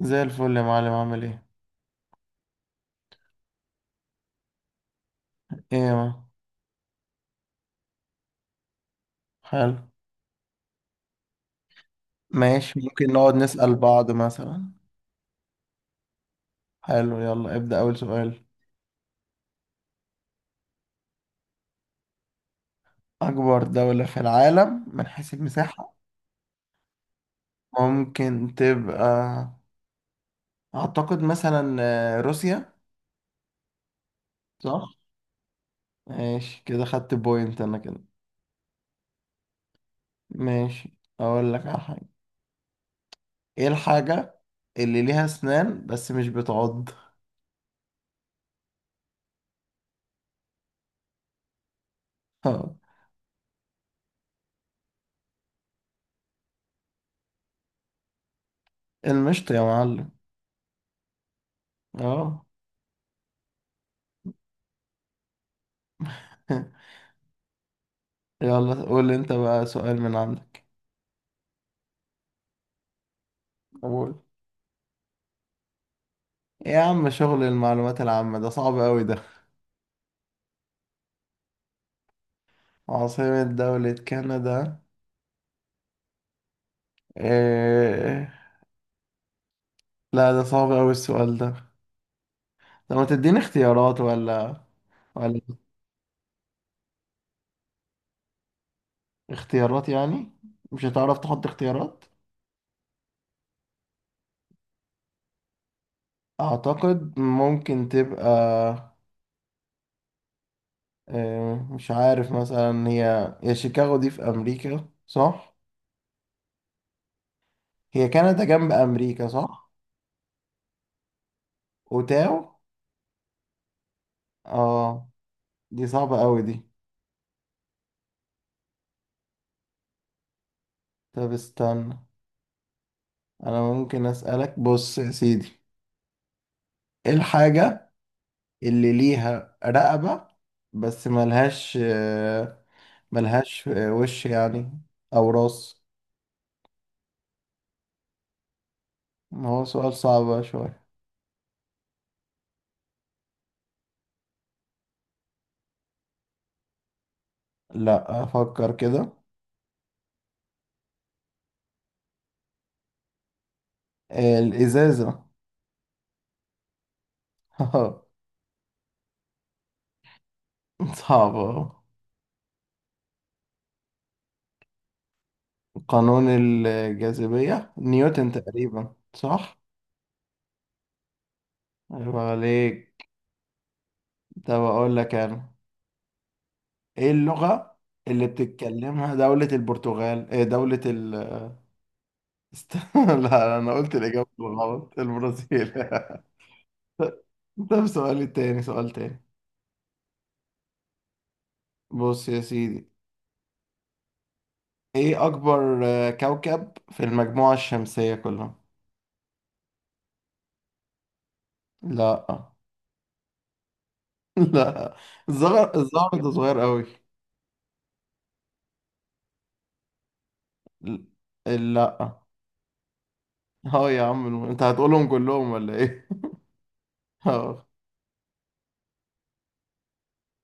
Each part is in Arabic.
زي الفل يا معلم، عامل ايه؟ ايه يا معلم؟ حلو. ماشي، ممكن نقعد نسأل بعض مثلا. حلو، يلا ابدأ أول سؤال. أكبر دولة في العالم من حيث المساحة، ممكن تبقى... أعتقد مثلا روسيا. صح؟ ماشي، كده خدت بوينت أنا كده. ماشي، أقول لك على حاجة. ايه الحاجة اللي ليها أسنان بس مش بتعض؟ المشط يا معلم. اه. يلا قول انت بقى سؤال من عندك. إيه يا عم، شغل المعلومات العامة ده صعب أوي ده. عاصمة دولة كندا. إيه... لا، ده صعب أوي السؤال ده. طب ما تديني اختيارات، ولا اختيارات يعني؟ مش هتعرف تحط اختيارات. أعتقد ممكن تبقى... إيه... مش عارف مثلا، هي شيكاغو دي في أمريكا صح؟ هي كندا جنب أمريكا صح؟ أوتاو. اه، دي صعبة أوي دي. طب استنى، أنا ممكن أسألك. بص يا سيدي، ايه الحاجة اللي ليها رقبة بس ملهاش وش يعني او راس؟ ما هو سؤال صعب بقى شوية. لا، افكر كده. الازازة. صعبة. قانون الجاذبية نيوتن تقريبا، صح؟ عيب عليك. طب اقول لك انا، ايه اللغة اللي بتتكلمها دولة البرتغال؟ إيه دولة ال است... لا، انا قلت الاجابة غلط، البرازيل. طب طب سؤال تاني سؤال تاني. بص يا سيدي، ايه اكبر كوكب في المجموعة الشمسية كلها؟ لا. لا، الزهر ده صغير قوي. لا. اه يا عم، انت هتقولهم كلهم ولا ايه؟ اه.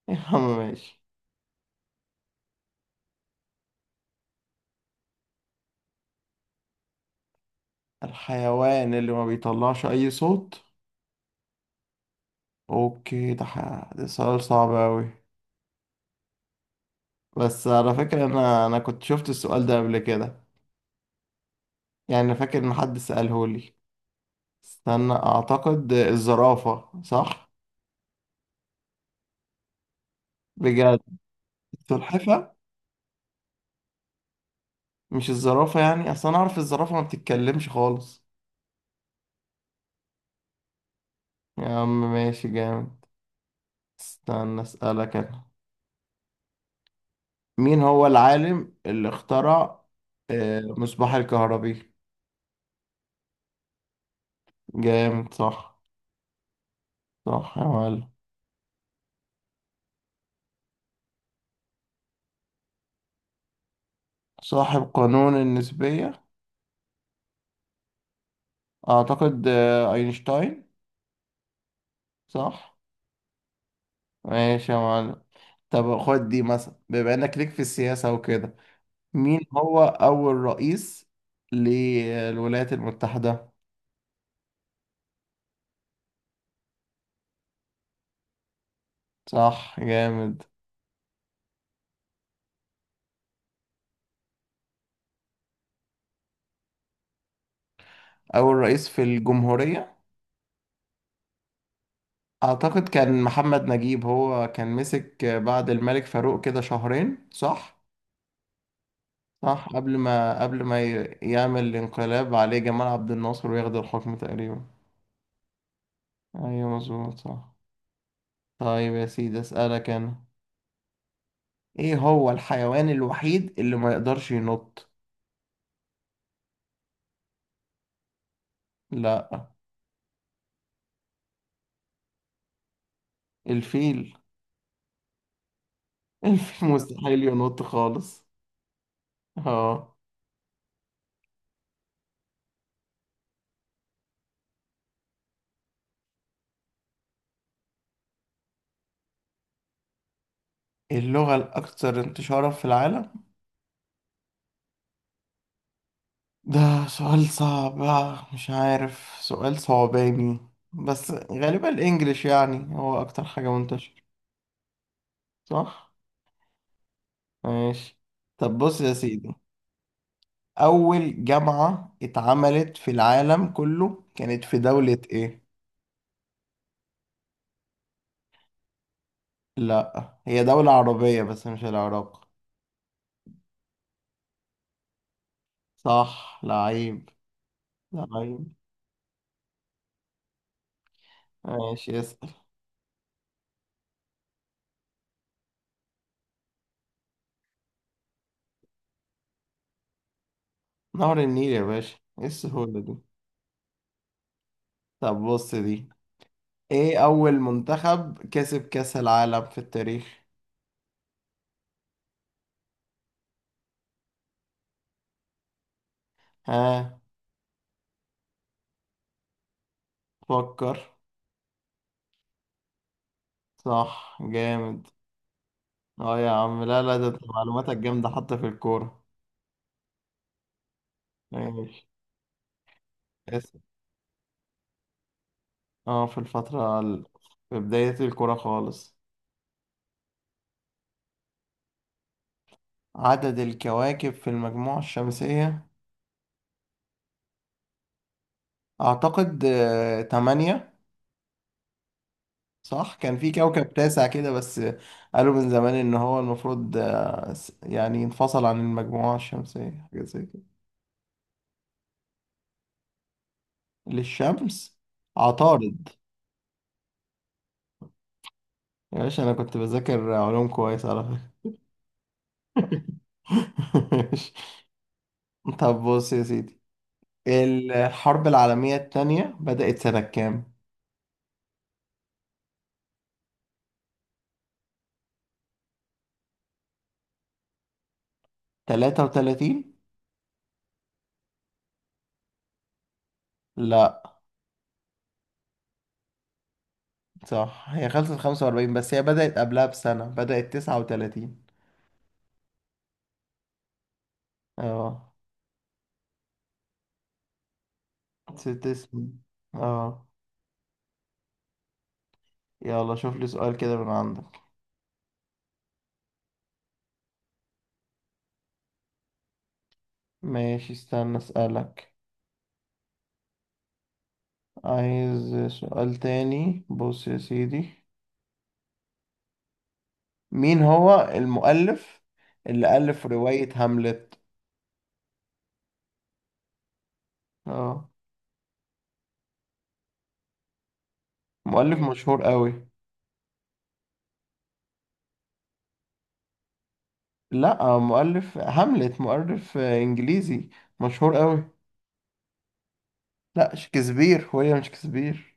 يا عم ماشي. الحيوان اللي ما بيطلعش اي صوت. اوكي، ده ده سؤال صعب قوي. بس على فكرة انا كنت شفت السؤال ده قبل كده، يعني فاكر ان حد سأله لي. استنى، اعتقد الزرافة صح؟ بجد؟ السلحفة؟ مش الزرافة يعني؟ اصل انا اعرف الزرافة ما بتتكلمش خالص. يا عم ماشي، جامد. استنى اسألك انا، مين هو العالم اللي اخترع مصباح الكهربي؟ جامد، صح؟ صح يا معلم. صاحب قانون النسبية؟ اعتقد اينشتاين. صح. ماشي يا معلم. طب خد دي مثلا، بما انك ليك في السياسة وكده، مين هو أول رئيس للولايات المتحدة؟ صح، جامد. أول رئيس في الجمهورية، أعتقد كان محمد نجيب، هو كان مسك بعد الملك فاروق كده شهرين، صح؟ صح، قبل ما يعمل الانقلاب عليه جمال عبد الناصر وياخد الحكم تقريبا. أيوه مظبوط، صح. طيب يا سيدي، أسألك أنا، إيه هو الحيوان الوحيد اللي ما يقدرش ينط؟ لا. الفيل. الفيل مستحيل ينط خالص. اه. اللغة الأكثر انتشارا في العالم. ده سؤال صعب، مش عارف، سؤال صعباني. بس غالبا الإنجليش يعني، هو أكتر حاجة منتشرة. صح؟ ماشي. طب بص يا سيدي، أول جامعة اتعملت في العالم كله كانت في دولة إيه؟ لأ، هي دولة عربية بس مش العراق. صح، لعيب. لعيب. ماشي، اسأل. نهر النيل يا باشا، إيه السهولة دي؟ طب بص دي، ايه اول منتخب كسب كأس العالم في التاريخ؟ ها، فكر. صح، جامد. اه يا عم، لا لا، ده انت معلوماتك جامدة حتى في الكورة. ماشي. اسم... اه، في الفترة في بداية الكورة خالص. عدد الكواكب في المجموعة الشمسية. اعتقد تمانية. صح، كان في كوكب تاسع كده بس، قالوا من زمان ان هو المفروض يعني انفصل عن المجموعة الشمسية حاجة زي... للشمس، عطارد. يا باشا، انا كنت بذاكر علوم كويس على فكرة. ماشي. طب بص يا سيدي، الحرب العالمية التانية بدأت سنة كام؟ 33؟ لا. صح هي خلصت 45 بس هي بدأت قبلها بسنة، بدأت 39. اه. ست سنين. اه. يلا شوف لي سؤال كده من عندك. ماشي، استنى اسألك. عايز سؤال تاني، بص يا سيدي، مين هو المؤلف اللي ألف رواية هاملت؟ اه. مؤلف مشهور قوي. لا، مؤلف هاملت، مؤلف إنجليزي مشهور قوي. لا، شكسبير، ويليام شكسبير.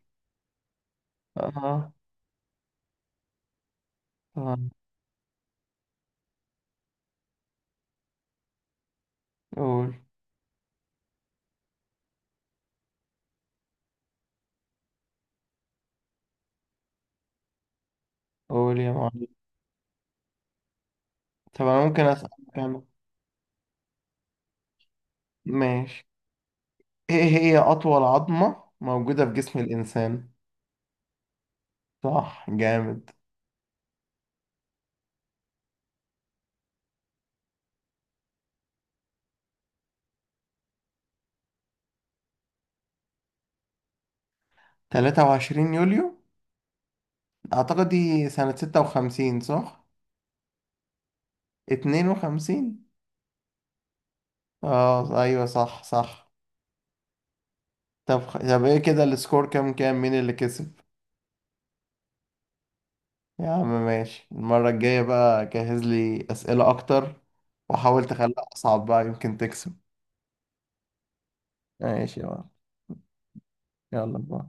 اه، تمام. قول. قول يا معلم. طب أنا ممكن أسألك أنا. ماشي، إيه هي أطول عظمة موجودة في جسم الإنسان؟ صح، جامد. 23 يوليو، أعتقد دي سنة 56، صح؟ 52. اه، ايوه صح صح. طب طب ايه كده السكور؟ كام كام، مين اللي كسب؟ يا عم ماشي. المرة الجاية بقى جهز لي أسئلة أكتر، وحاول تخليها أصعب بقى، يمكن تكسب. ماشي يا معلم. يلا باي.